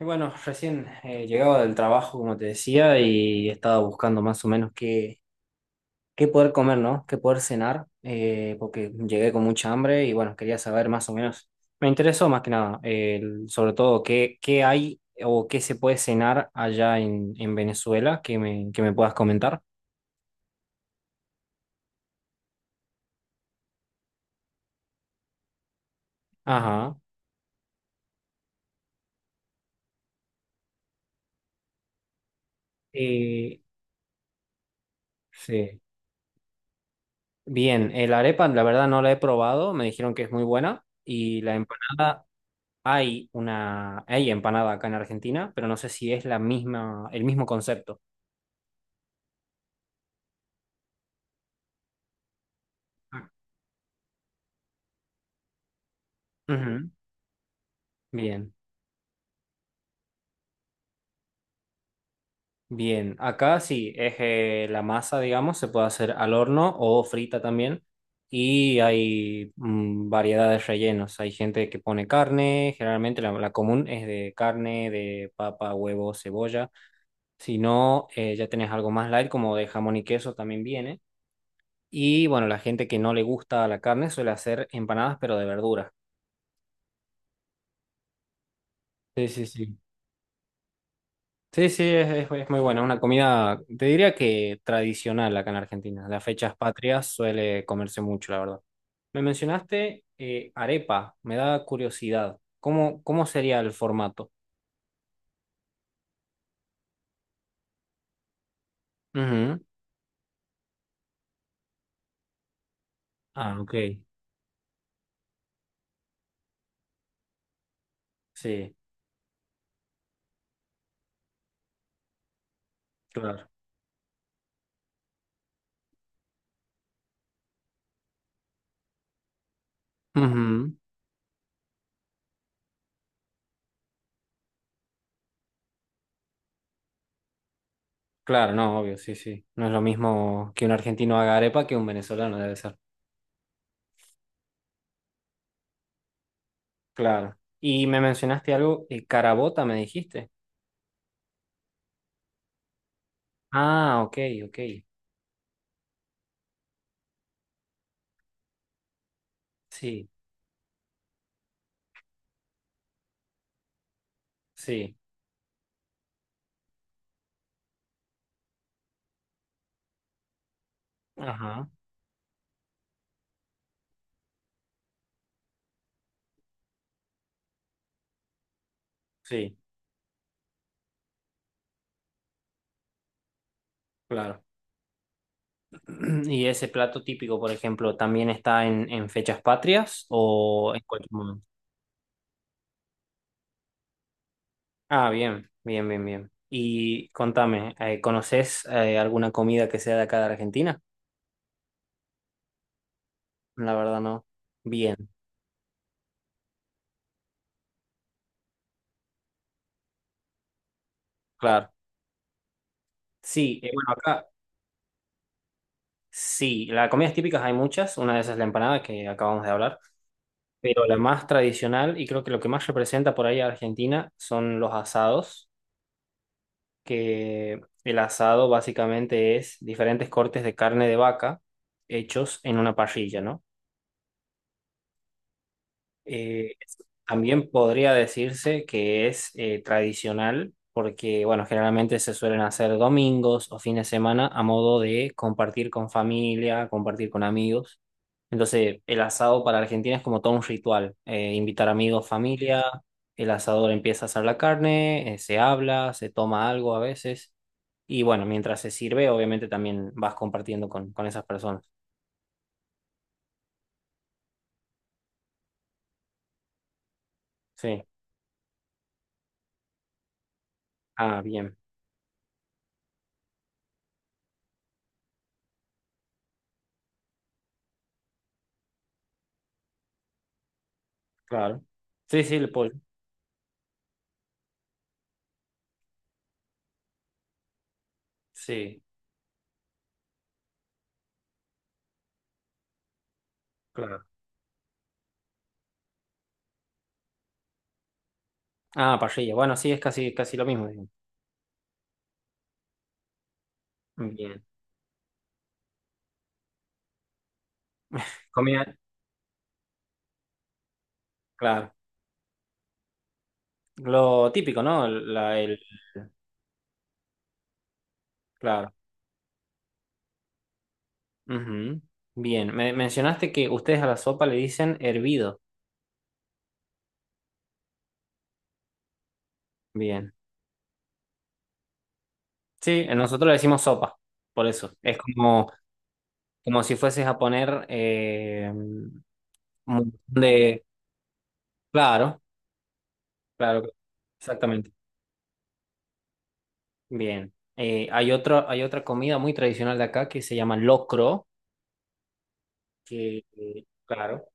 Y bueno, recién llegaba del trabajo, como te decía, y estaba buscando más o menos qué, qué poder comer, ¿no? Qué poder cenar, porque llegué con mucha hambre y bueno, quería saber más o menos. Me interesó más que nada, sobre todo, qué, qué hay o qué se puede cenar allá en Venezuela, que me puedas comentar. Ajá. Eh, sí. Bien, el arepa, la verdad no la he probado, me dijeron que es muy buena y la empanada. Hay una, hay empanada acá en Argentina, pero no sé si es la misma, el mismo concepto. Ah, ujú. Bien, bien. Acá sí, es la masa, digamos, se puede hacer al horno o frita también. Y hay variedad de rellenos. Hay gente que pone carne, generalmente la, la común es de carne, de papa, huevo, cebolla. Si no, ya tenés algo más light, como de jamón y queso también viene. Y bueno, la gente que no le gusta la carne suele hacer empanadas, pero de verduras. Sí, sí, sí. Sí, sí, es, es muy buena. Una comida, te diría que tradicional acá en Argentina. Las fechas patrias suele comerse mucho, la verdad. Me mencionaste arepa, me da curiosidad. ¿Cómo, cómo sería el formato? Ujú. Ah, ok. Sí, claro. Ujú. Claro, no, obvio, sí, sí. No es lo mismo que un argentino haga arepa que un venezolano, debe ser. Claro. Y me mencionaste algo, carabota, me dijiste. Ah, ok, ok. Sí, sí. Ajá, sí. Claro. ¿Y ese plato típico, por ejemplo, también está en fechas patrias o en cualquier momento? Ah, bien, bien, bien, bien. Y contame, ¿conoces alguna comida que sea de acá de Argentina? La verdad no. Bien, claro. Sí, bueno, acá sí, las comidas típicas hay muchas, una de esas es la empanada que acabamos de hablar, pero la más tradicional y creo que lo que más representa por ahí a Argentina son los asados que el asado básicamente es diferentes cortes de carne de vaca hechos en una parrilla, ¿no? Eh, también podría decirse que es tradicional porque, bueno, generalmente se suelen hacer domingos o fines de semana a modo de compartir con familia, compartir con amigos. Entonces, el asado para Argentina es como todo un ritual. Invitar amigos, familia, el asador empieza a asar la carne, se habla, se toma algo a veces. Y bueno, mientras se sirve, obviamente también vas compartiendo con esas personas. Sí. Ah, bien, claro. Sí, sí, el pollo. Sí. Claro. Ah, parrilla. Bueno, sí, es casi, casi lo mismo. Digamos. Bien. Comida. Claro. Lo típico, ¿no? El- La, el, claro. Ujú. Bien. Me mencionaste que ustedes a la sopa le dicen hervido. Bien. Sí, nosotros le decimos sopa. Por eso. Es como, como si fueses a poner un montón de. Claro, claro. Exactamente. Bien. Hay otro, hay otra comida muy tradicional de acá que se llama locro, que, claro.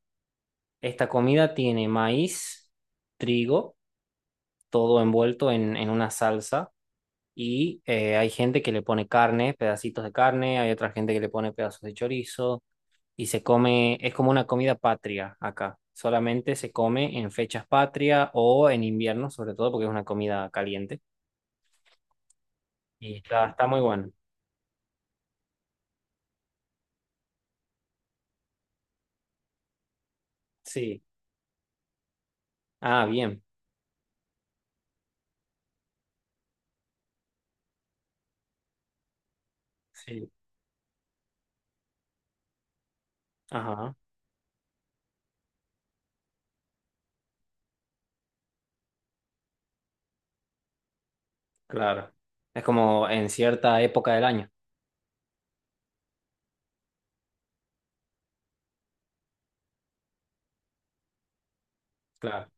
Esta comida tiene maíz, trigo, todo envuelto en una salsa y hay gente que le pone carne, pedacitos de carne, hay otra gente que le pone pedazos de chorizo y se come, es como una comida patria acá. Solamente se come en fechas patria o en invierno, sobre todo porque es una comida caliente y está, está muy bueno. Sí. Ah, bien. Sí. Ajá, claro. Es como en cierta época del año. Claro.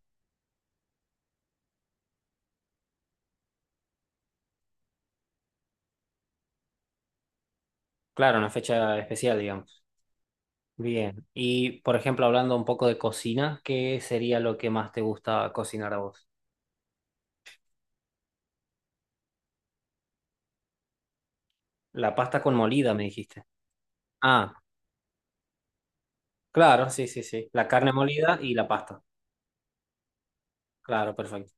Claro, una fecha especial, digamos. Bien. Y, por ejemplo, hablando un poco de cocina, ¿qué sería lo que más te gusta cocinar a vos? La pasta con molida, me dijiste. Ah, claro, sí, sí, sí. La carne molida y la pasta. Claro, perfecto.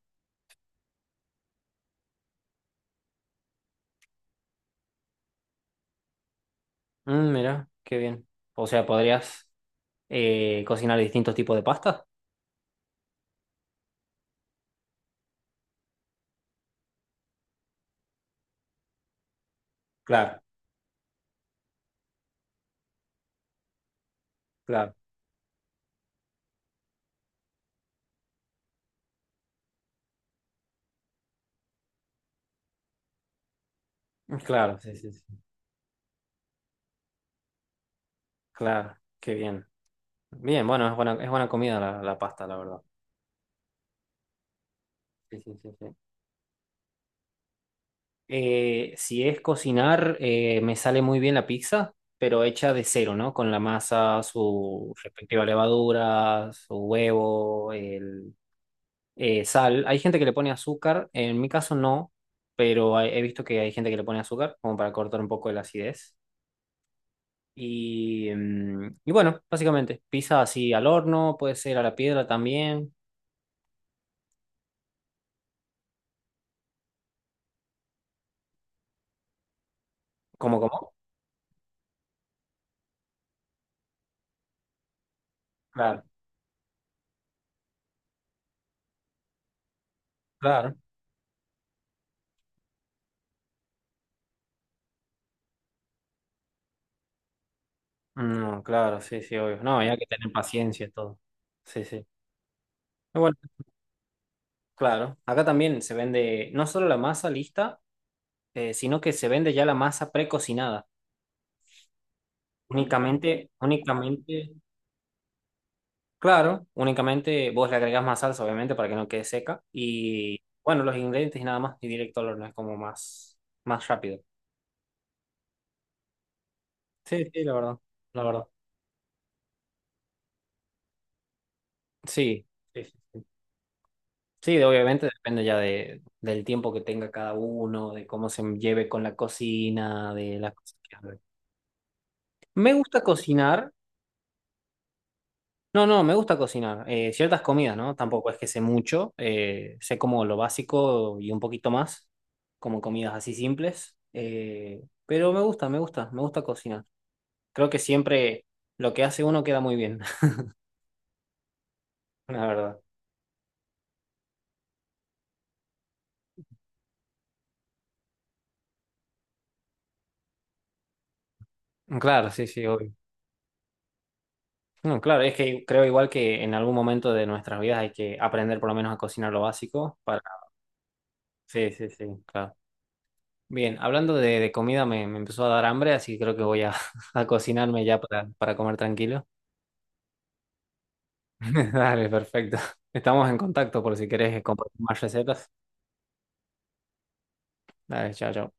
Mm, mira, qué bien. O sea, ¿podrías cocinar distintos tipos de pasta? Claro, claro, claro, sí, sí, sí. Claro, qué bien. Bien, bueno, es buena comida la, la pasta, la verdad. Sí, sí, sí, sí. Si es cocinar, me sale muy bien la pizza, pero hecha de cero, ¿no? Con la masa, su respectiva levadura, su huevo, el, sal. Hay gente que le pone azúcar, en mi caso no, pero he visto que hay gente que le pone azúcar, como para cortar un poco de la acidez. Y, y bueno, básicamente, pizza así al horno, puede ser a la piedra también. ¿Cómo, cómo? Claro, claro. No, claro, sí, sí, obvio. No, hay que tener paciencia y todo. Sí, sí. Bueno, claro, acá también se vende no solo la masa lista, sino que se vende ya la masa precocinada. Únicamente, únicamente, claro, únicamente vos le agregás más salsa, obviamente, para que no quede seca. Y bueno, los ingredientes y nada más, y directo al horno, es como más, más rápido. Sí, sí, la verdad, la verdad. Sí, sí, sí. Sí, sí, de- obviamente depende ya de, del tiempo que tenga cada uno, de cómo se lleve con la cocina, de las cosas que haga. Me gusta cocinar. No, no, me gusta cocinar. Ciertas comidas, ¿no? Tampoco es que sé mucho. Sé como lo básico y un poquito más, como comidas así simples. Pero me gusta, me gusta, me gusta cocinar. Creo que siempre lo que hace uno queda muy bien, la verdad. Claro, sí, sí, obvio. No, claro, es que creo igual que en algún momento de nuestras vidas hay que aprender por lo menos a cocinar lo básico para... Sí, sí, sí, claro. Bien, hablando de comida me, me empezó a dar hambre, así que creo que voy a, a cocinarme ya para comer tranquilo. Dale, perfecto. Estamos en contacto por si querés compartir más recetas. Dale, chao, chao.